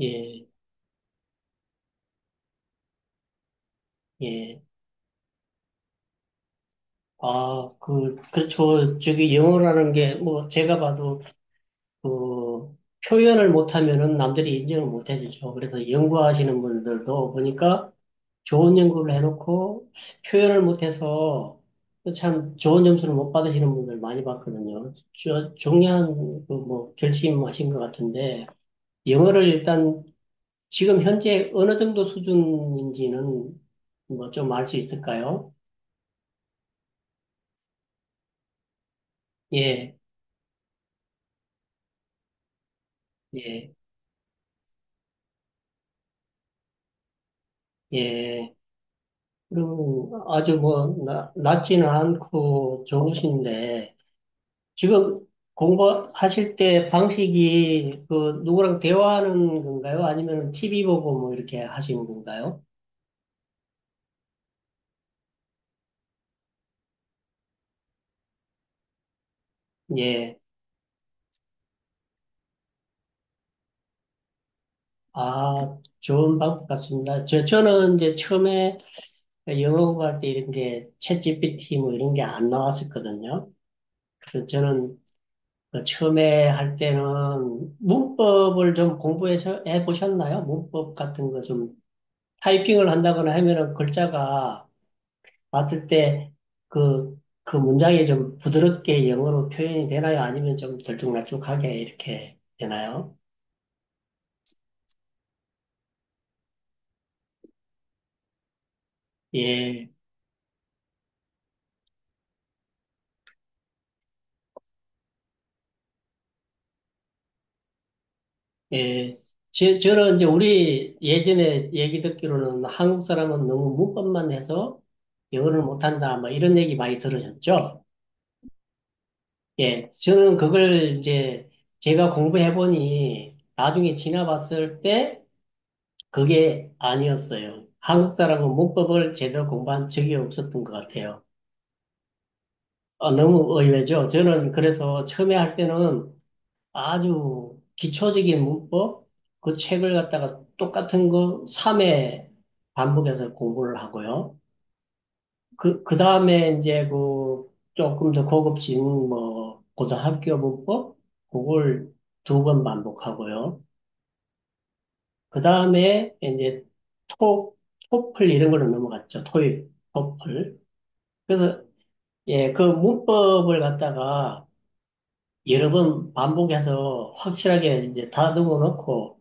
예, 예. 아, 그렇죠. 저기 영어라는 게, 뭐, 제가 봐도, 그, 표현을 못하면은 남들이 인정을 못 해주죠. 그래서 연구하시는 분들도 보니까 좋은 연구를 해놓고 표현을 못해서 참 좋은 점수를 못 받으시는 분들 많이 봤거든요. 저, 중요한, 그 뭐, 결심하신 것 같은데, 영어를 일단 지금 현재 어느 정도 수준인지는 뭐 좀 알 수 있을까요? 예, 예. 예, 그럼 아주 뭐, 낮지는 않고 좋으신데, 지금 공부하실 때 방식이 그 누구랑 대화하는 건가요? 아니면 TV 보고 뭐 이렇게 하시는 건가요? 예, 아, 좋은 방법 같습니다. 저는 이제 처음에 영어 공부할 때 이런 게 챗GPT 뭐 이런 게 안 나왔었거든요. 그래서 저는 그 처음에 할 때는 문법을 좀 공부해서 해 보셨나요? 문법 같은 거좀 타이핑을 한다거나 하면은 글자가 봤을 때 그, 그 문장이 좀 부드럽게 영어로 표현이 되나요? 아니면 좀 들쭉날쭉하게 이렇게 되나요? 예, 예. 저는 이제 우리 예전에 얘기 듣기로는 한국 사람은 너무 문법만 해서 영어를 못한다, 뭐 이런 얘기 많이 들으셨죠? 예, 저는 그걸 이제 제가 공부해보니 나중에 지나봤을 때 그게 아니었어요. 한국 사람은 문법을 제대로 공부한 적이 없었던 것 같아요. 아, 너무 의외죠. 저는 그래서 처음에 할 때는 아주 기초적인 문법, 그 책을 갖다가 똑같은 거 3회 반복해서 공부를 하고요. 그 다음에 이제 그 조금 더 고급진 뭐 고등학교 문법, 그걸 두 번 반복하고요. 그 다음에 이제 토, 토플 이런 걸로 넘어갔죠. 토익, 토플. 그래서 예, 그 문법을 갖다가 여러 번 반복해서 확실하게 이제 다듬어 놓고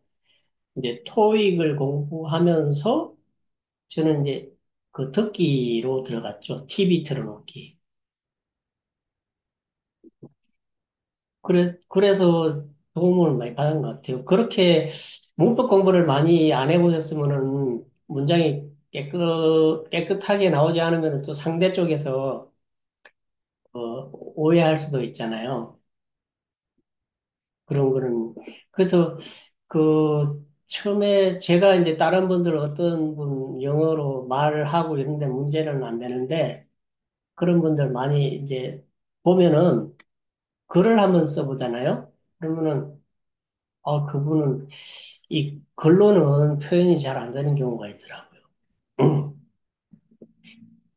이제 토익을 공부하면서 저는 이제 그 듣기로 들어갔죠. TV 틀어놓기. 그래, 그래서 도움을 많이 받은 것 같아요. 그렇게 문법 공부를 많이 안 해보셨으면은 문장이 깨끗하게 나오지 않으면 또 상대 쪽에서 어, 오해할 수도 있잖아요. 그런 거는. 그래서 그 처음에 제가 이제 다른 분들 어떤 분 영어로 말을 하고 이런데 문제는 안 되는데 그런 분들 많이 이제 보면은 글을 한번 써보잖아요. 그러면은 아, 그분은 이 글로는 표현이 잘 안 되는 경우가 있더라고요.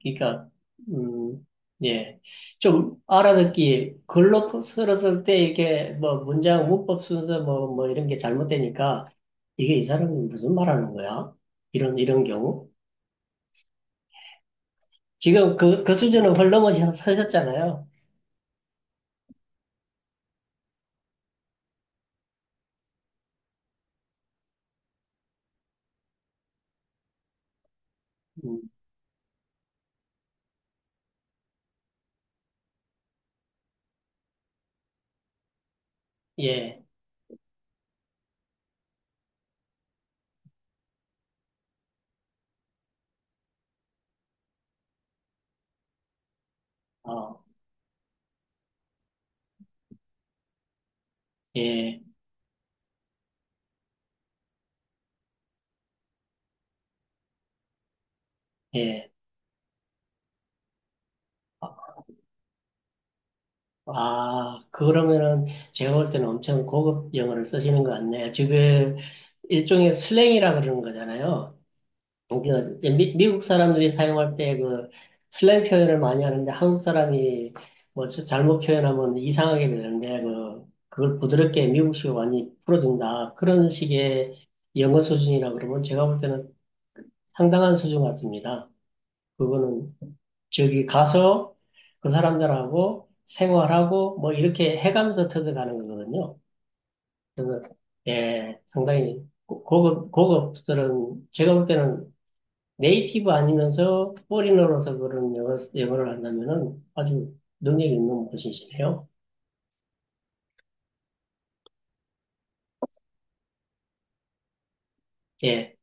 그러니까, 음, 예. 좀 알아듣기, 글로 쓸었을 때 이렇게 뭐 문장, 문법 순서 뭐 이런 게 잘못되니까 이게 이 사람이 무슨 말 하는 거야? 이런 경우. 지금 그 수준은 훨씬 넘어서셨잖아요. 음, 예. 어, 예. 예. 아, 그러면은 제가 볼 때는 엄청 고급 영어를 쓰시는 것 같네요. 지금 일종의 슬랭이라 그러는 거잖아요. 그러니까 이제 미국 사람들이 사용할 때 그 슬랭 표현을 많이 하는데 한국 사람이 뭐 잘못 표현하면 이상하게 되는데 그걸 부드럽게 미국식으로 많이 풀어준다. 그런 식의 영어 수준이라 그러면 제가 볼 때는 상당한 수준 같습니다. 그거는 저기 가서 그 사람들하고 생활하고 뭐 이렇게 해가면서 터득하는 거거든요. 예, 상당히 고급들은 제가 볼 때는 네이티브 아니면서 포리너로서 그런 영어를 한다면은 아주 능력이 있는 분이시네요. 예,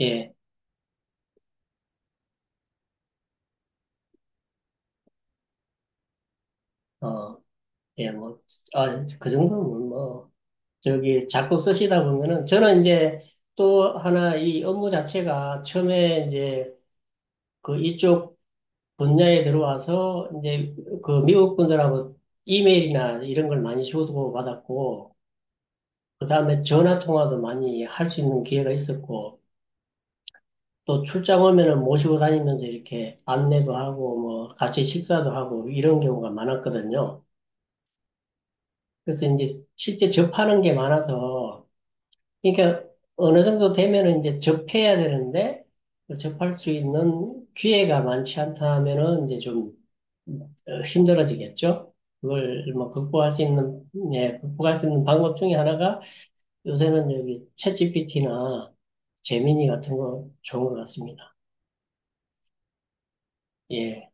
예, 어, 예, 뭐, 아, 그 정도면 뭐, 저기 자꾸 쓰시다 보면은 저는 이제 또 하나 이 업무 자체가 처음에 이제 그 이쪽 분야에 들어와서 이제 그 미국 분들하고 이메일이나 이런 걸 많이 주고받았고 그다음에 전화 통화도 많이 할 수 있는 기회가 있었고 또 출장 오면은 모시고 다니면서 이렇게 안내도 하고 뭐 같이 식사도 하고 이런 경우가 많았거든요. 그래서 이제 실제 접하는 게 많아서 그러니까 어느 정도 되면은 이제 접해야 되는데 그 접할 수 있는 기회가 많지 않다 하면은 이제 좀 힘들어지겠죠. 그걸 뭐 극복할 수 있는 예, 극복할 수 있는 방법 중에 하나가 요새는 여기 챗GPT나 재민이 같은 거 좋은 것 같습니다. 예.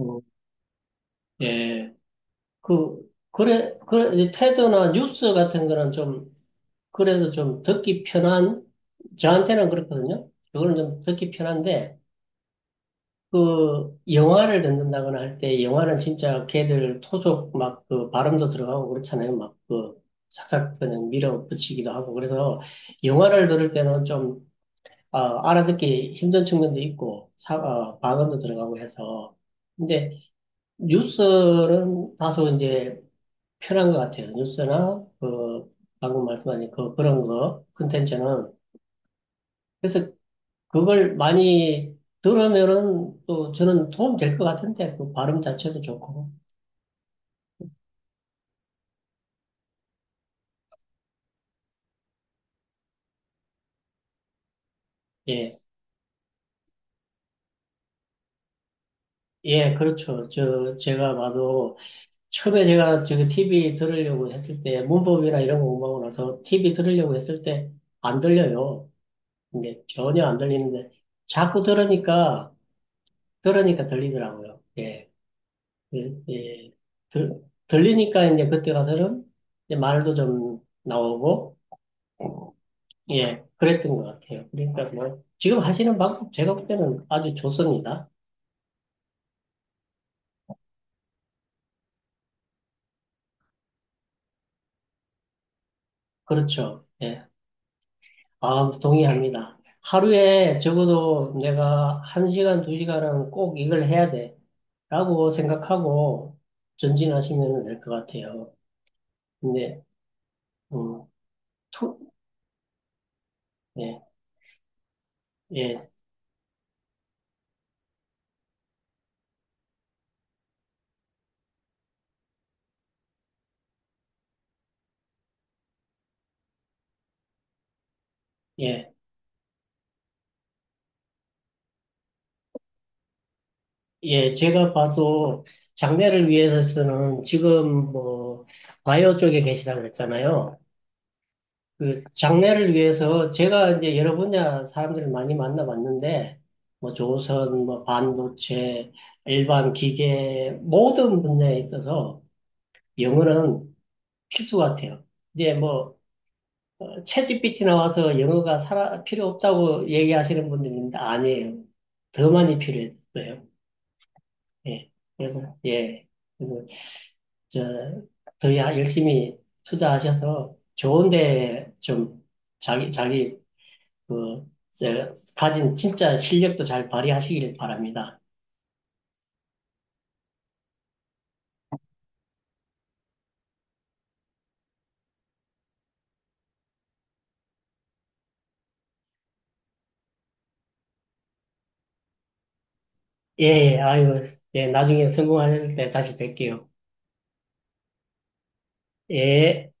음, 예. 그래 테드나 뉴스 같은 거는 좀 그래도 좀 듣기 편한 저한테는 그렇거든요. 그거는 좀 듣기 편한데 그 영화를 듣는다거나 할 때 영화는 진짜 걔들 토족 막 그 발음도 들어가고 그렇잖아요. 막그 싹싹 그냥 밀어붙이기도 하고 그래서 영화를 들을 때는 좀 알아듣기 힘든 측면도 있고 발음도 들어가고 해서 근데 뉴스는 다소 이제 편한 것 같아요. 뉴스나 그 방금 말씀하신 그런 거 콘텐츠는 그래서 그걸 많이 들으면은 또 저는 도움 될 것 같은데, 그 발음 자체도 좋고. 예, 예, 그렇죠. 제가 봐도 처음에 제가 저기 TV 들으려고 했을 때, 문법이나 이런 거 공부하고 나서 TV 들으려고 했을 때 안 들려요. 근데 전혀 안 들리는데, 자꾸 들으니까 들리더라고요. 예, 예, 예. 들, 들리니까 이제 그때 가서는 이제 말도 좀 나오고, 예, 그랬던 것 같아요. 그러니까 뭐, 지금 하시는 방법 제가 볼 때는 아주 좋습니다. 그렇죠. 예, 아, 동의합니다. 하루에 적어도 내가 한시간두시간은꼭 이걸 해야 돼. 라고 생각하고 전진하시면 될 것 같아요. 근데, 음, 투, 예, 예, 예, 예, 제가 봐도 장래를 위해서 는 지금 뭐, 바이오 쪽에 계시다 그랬잖아요. 그 장래를 위해서 제가 이제 여러 분야 사람들을 많이 만나봤는데 뭐 조선, 뭐 반도체, 일반 기계 모든 분야에 있어서 영어는 필수 같아요. 이제 뭐 챗지피티 나와서 영어가 필요 없다고 얘기하시는 분들 있는데 아니에요. 더 많이 필요했어요. 예. 그래서 예. 그래서 저더 열심히 투자하셔서 좋은 데좀 자기 그, 이제 가진 진짜 실력도 잘 발휘하시길 바랍니다. 예, 예, 아이고, 예, 나중에 성공하셨을 때 다시 뵐게요. 예.